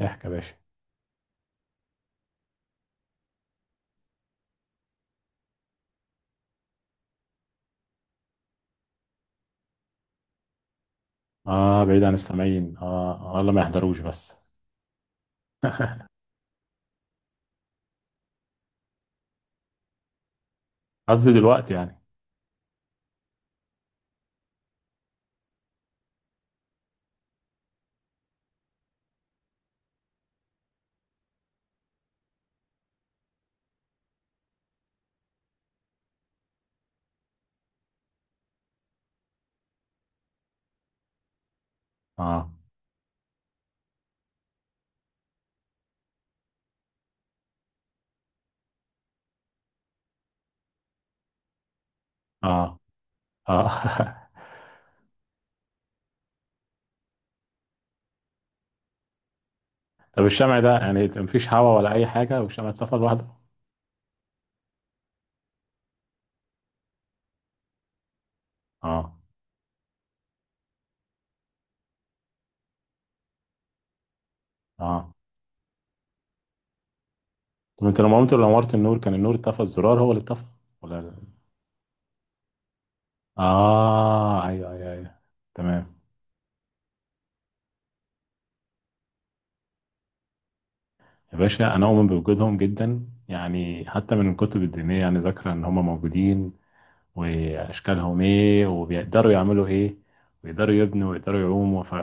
احكي يا باشا. اه، بعيد عن السامعين، اه، والله ما يحضروش بس. قصدي دلوقتي يعني. اه. اه. اه. طب الشمع ده يعني مفيش هوا ولا اي حاجه والشمع اتطفى لوحده؟ اه. اه. طب انت لما قمت لو نورت النور كان النور اتطفى، الزرار هو اللي اتطفى ولا اه، ايوه ايوه ايوه. تمام. يا باشا انا اؤمن بوجودهم جدا، يعني حتى من الكتب الدينيه، يعني ذاكره ان هم موجودين واشكالهم ايه وبيقدروا يعملوا ايه ويقدروا يبنوا ويقدروا يعوموا. ف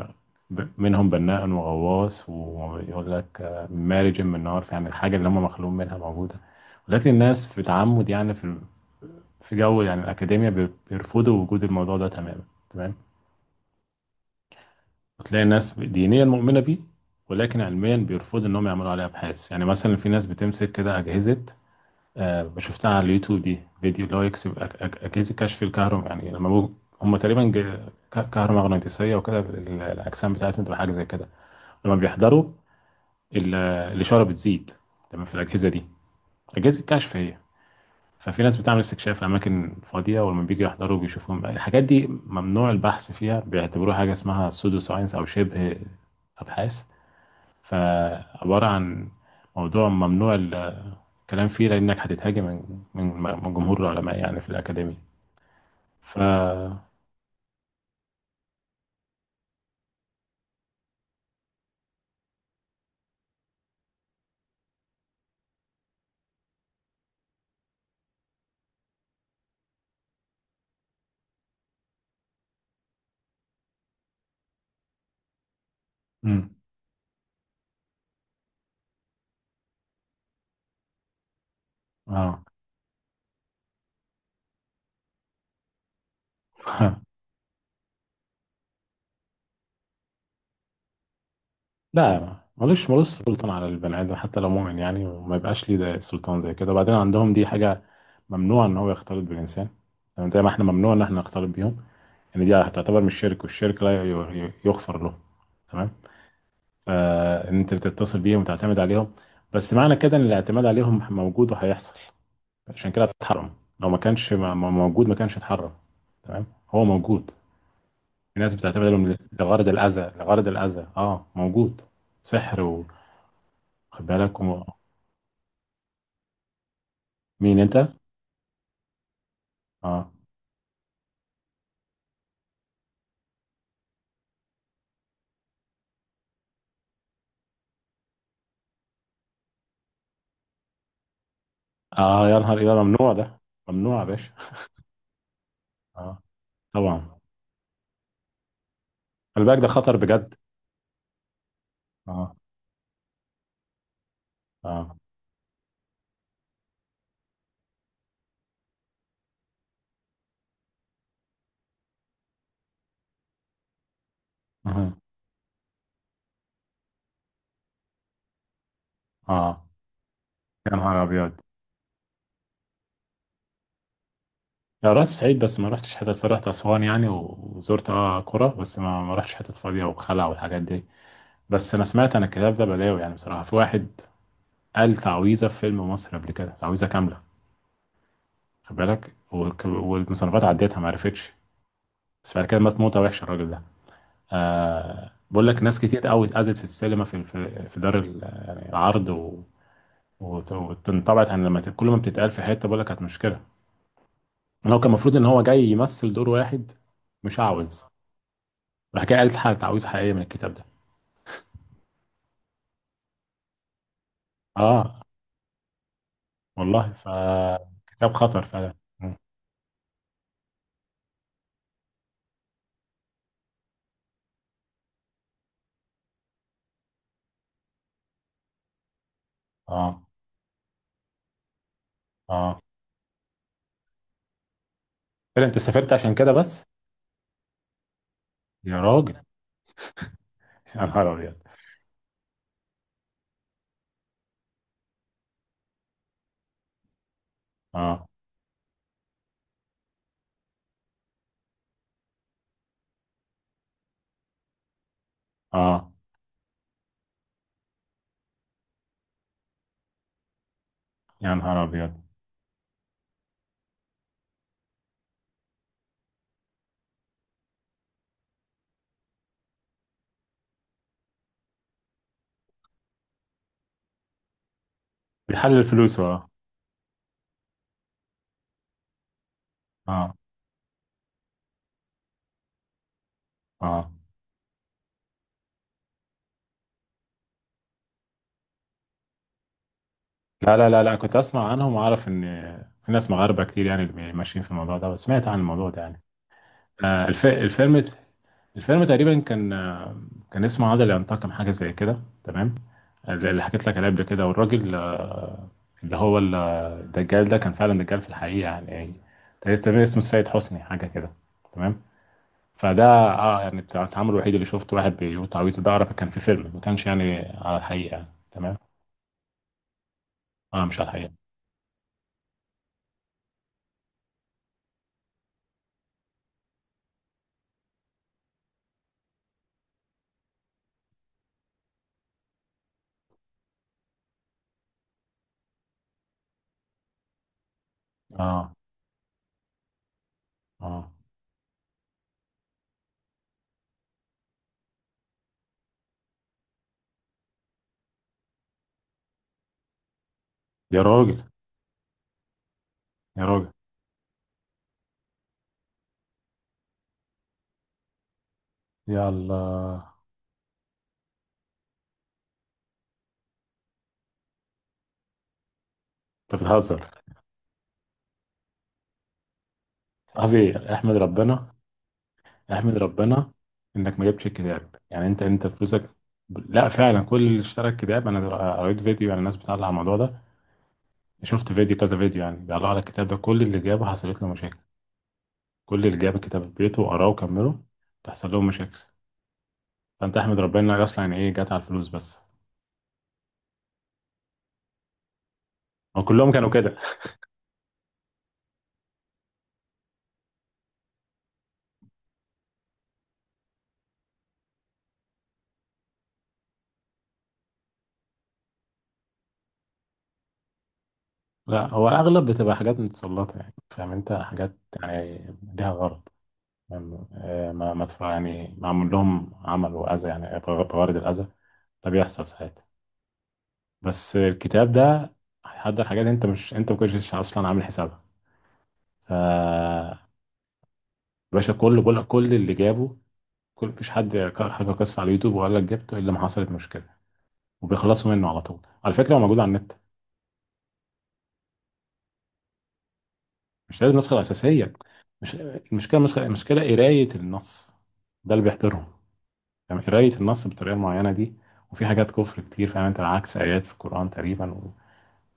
منهم بناء وغواص ويقول لك آه، مارج من نار، يعني الحاجه اللي هم مخلوق منها موجوده. ولكن الناس بتعمد، يعني في جو، يعني الاكاديميه بيرفضوا وجود الموضوع ده تماما. تمام. وتلاقي الناس دينيا مؤمنه بيه، ولكن علميا بيرفضوا انهم يعملوا عليه ابحاث. يعني مثلا في ناس بتمسك كده اجهزه، آه، شفتها على اليوتيوب دي فيديو اللي هو يكسب أجهزة كشف الكهرباء، يعني لما هم تقريبا كهرومغناطيسية وكده الأجسام بتاعتهم بتبقى حاجة زي كده لما بيحضروا ال- الإشارة بتزيد. تمام، في الأجهزة دي أجهزة كشف هي. ففي ناس بتعمل استكشاف في أماكن فاضية، ولما بيجوا يحضروا بيشوفوهم. الحاجات دي ممنوع البحث فيها، بيعتبروها حاجة اسمها سودو ساينس أو شبه أبحاث. فعبارة عن موضوع ممنوع كلام فيه لانك هتتهاجم من جمهور العلماء، يعني في الاكاديميه. ف. امم. اه، لا ملوش، ملوش سلطان على البني ادم حتى لو مؤمن، يعني وما يبقاش ليه ده سلطان زي كده. وبعدين عندهم دي حاجه ممنوع ان هو يختلط بالانسان، يعني زي ما احنا ممنوع ان احنا نختلط بيهم. يعني دي هتعتبر من الشرك، والشرك لا يغفر له. تمام. فان انت تتصل بيهم وتعتمد عليهم. بس معنى كده ان الاعتماد عليهم موجود وهيحصل، عشان كده اتحرم. لو ما كانش موجود ما كانش اتحرم. تمام، هو موجود. في ناس بتعتبر لغرض الأذى، لغرض الأذى، اه موجود سحر، وخد بالك و... مين انت. اه. اه، يا نهار، إيه ده؟ ممنوع ده، ممنوع يا باشا. اه. طبعا. خلي بالك ده خطر بجد. اه. اه. اه. آه. يا نهار أبيض. لا، رحت الصعيد بس ما رحتش حتت، فرحت أسوان يعني، وزرت اه قرى بس ما رحتش حتت فاضية وخلع والحاجات دي. بس أنا سمعت، أنا الكتاب ده بلاوي يعني، بصراحة في واحد قال تعويذة في فيلم مصر قبل كده، تعويذة كاملة. خد بالك، والمصنفات عدتها ما عرفتش. بس بعد كده مات موتة وحشة الراجل ده. آه بقول لك ناس كتير قوي اتأذت في السينما، في في دار يعني العرض. و واتنطبعت عن لما كل ما بتتقال في حتة بقول لك كانت مشكلة. لو كان المفروض ان هو جاي يمثل دور واحد مش عاوز، راح جاي قال حاجة تعويذة حقيقية من الكتاب ده. اه. والله فكتاب خطر فعلا. اه. اه، كده انت سافرت عشان كده بس؟ يا راجل. يا نهار ابيض. اه. اه. يا نهار ابيض. بيحلل فلوسه اه. اه. اه. لا لا لا لا، كنت اسمع عنهم واعرف ان في ناس مغاربه كتير يعني اللي ماشيين في الموضوع ده، بس سمعت عن الموضوع ده يعني. آه الفيلم تقريبا كان آه، كان اسمه عادل ينتقم، حاجه زي كده. تمام، اللي حكيت لك عليه قبل كده، والراجل آه، اللي هو الدجال ده كان فعلا دجال في الحقيقه يعني. يعني تقريبا اسمه السيد حسني حاجه كده. تمام. فده اه، يعني التعامل الوحيد اللي شفته واحد بيقول تعويذه، ده اعرف كان في فيلم ما كانش يعني على الحقيقه يعني. تمام. اه مش على الحقيقه. اه. اه، يا راجل. يا راجل. يا الله. انت بتهزر؟ صاحبي احمد ربنا. احمد ربنا انك ما جبتش الكتاب يعني، انت فلوسك. لا فعلا، كل اللي اشترى الكتاب، انا قريت فيديو يعني، الناس بتعلق على الموضوع ده. شفت فيديو، كذا فيديو، يعني بيعلقوا على الكتاب ده. كل اللي جابه حصلت له مشاكل. كل اللي جاب الكتاب في بيته وقراه وكمله تحصل لهم مشاكل. فانت احمد ربنا انك اصلا يعني ايه، جت على الفلوس بس. هو كلهم كانوا كده. لا، هو الاغلب بتبقى حاجات متسلطه، يعني فاهم انت؟ حاجات يعني ليها غرض. فاهم؟ آه، ما يعني معمول لهم عمل واذى، يعني بغرض الاذى. ده بيحصل ساعات. بس الكتاب ده هيحضر حاجات انت مش، انت ما كنتش اصلا عامل حسابها. ف. باشا، كل بقول كل اللي جابه، كل مفيش حد حكى قصه على اليوتيوب وقال لك جبته الا ما حصلت مشكله. وبيخلصوا منه على طول، على فكره هو موجود على النت. مش لازم النسخة الأساسية. مش المشكلة، مش المشكلة قراية النص. ده اللي بيحترهم، يعني قراية النص بالطريقة المعينة دي. وفي حاجات كفر كتير، فاهم انت، عكس آيات في القرآن تقريبا.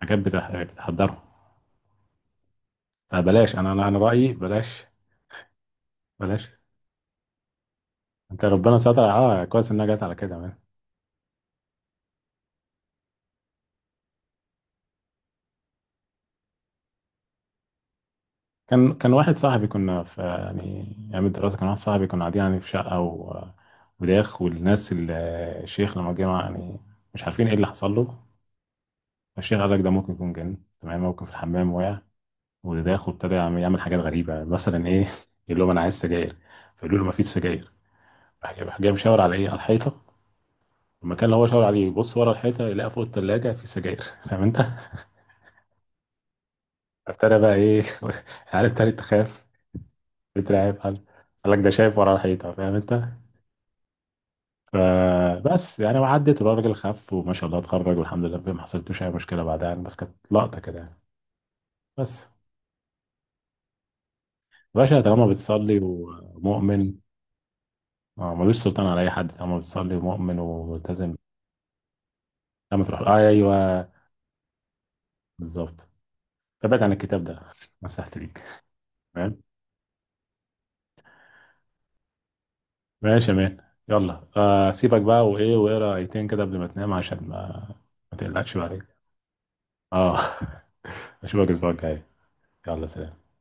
وحاجات بتحضرهم. فبلاش، أنا رأيي بلاش. بلاش. أنت ربنا ستر، أه كويس إنها جت على كده مان. كان واحد صاحبي كنا في يعني أيام الدراسة، كان واحد صاحبي كنا قاعدين يعني في شقة، و... وداخ، والناس الشيخ لما جه يعني، مش عارفين إيه اللي حصل له. ماشي غلك ده، ممكن يكون جن. تمام. ممكن في الحمام وقع وداخل، ابتدى يعمل يعمل حاجات غريبة مثلا ايه. يقول لهم انا عايز سجاير، فيقولوا له مفيش سجاير. راح جاي راح جاي مشاور على ايه، على الحيطة. المكان اللي هو شاور عليه يبص ورا الحيطة يلاقي فوق التلاجة في سجاير. فاهم انت. ابتدى بقى ايه. عارف تاني تخاف، بترعب. قال لك ده شايف ورا الحيطة فاهم انت. فبس يعني، وعدت، والراجل خف وما شاء الله اتخرج والحمد لله، ما حصلتوش اي مشكلة بعدها يعني، بس كانت لقطة كده يعني. بس. باشا، طالما بتصلي ومؤمن، اه ملوش سلطان على اي حد طالما بتصلي ومؤمن وملتزم. لما تروح آه، ايوه. بالظبط. فبعد عن الكتاب ده. نصيحتي ليك. تمام. ماشي يا مان. يلا آه، سيبك بقى وايه، واقرا ايتين كده قبل ما تنام عشان ما تقلقش بعدين. اه. اشوفك الاسبوع الجاي. يلا سلام.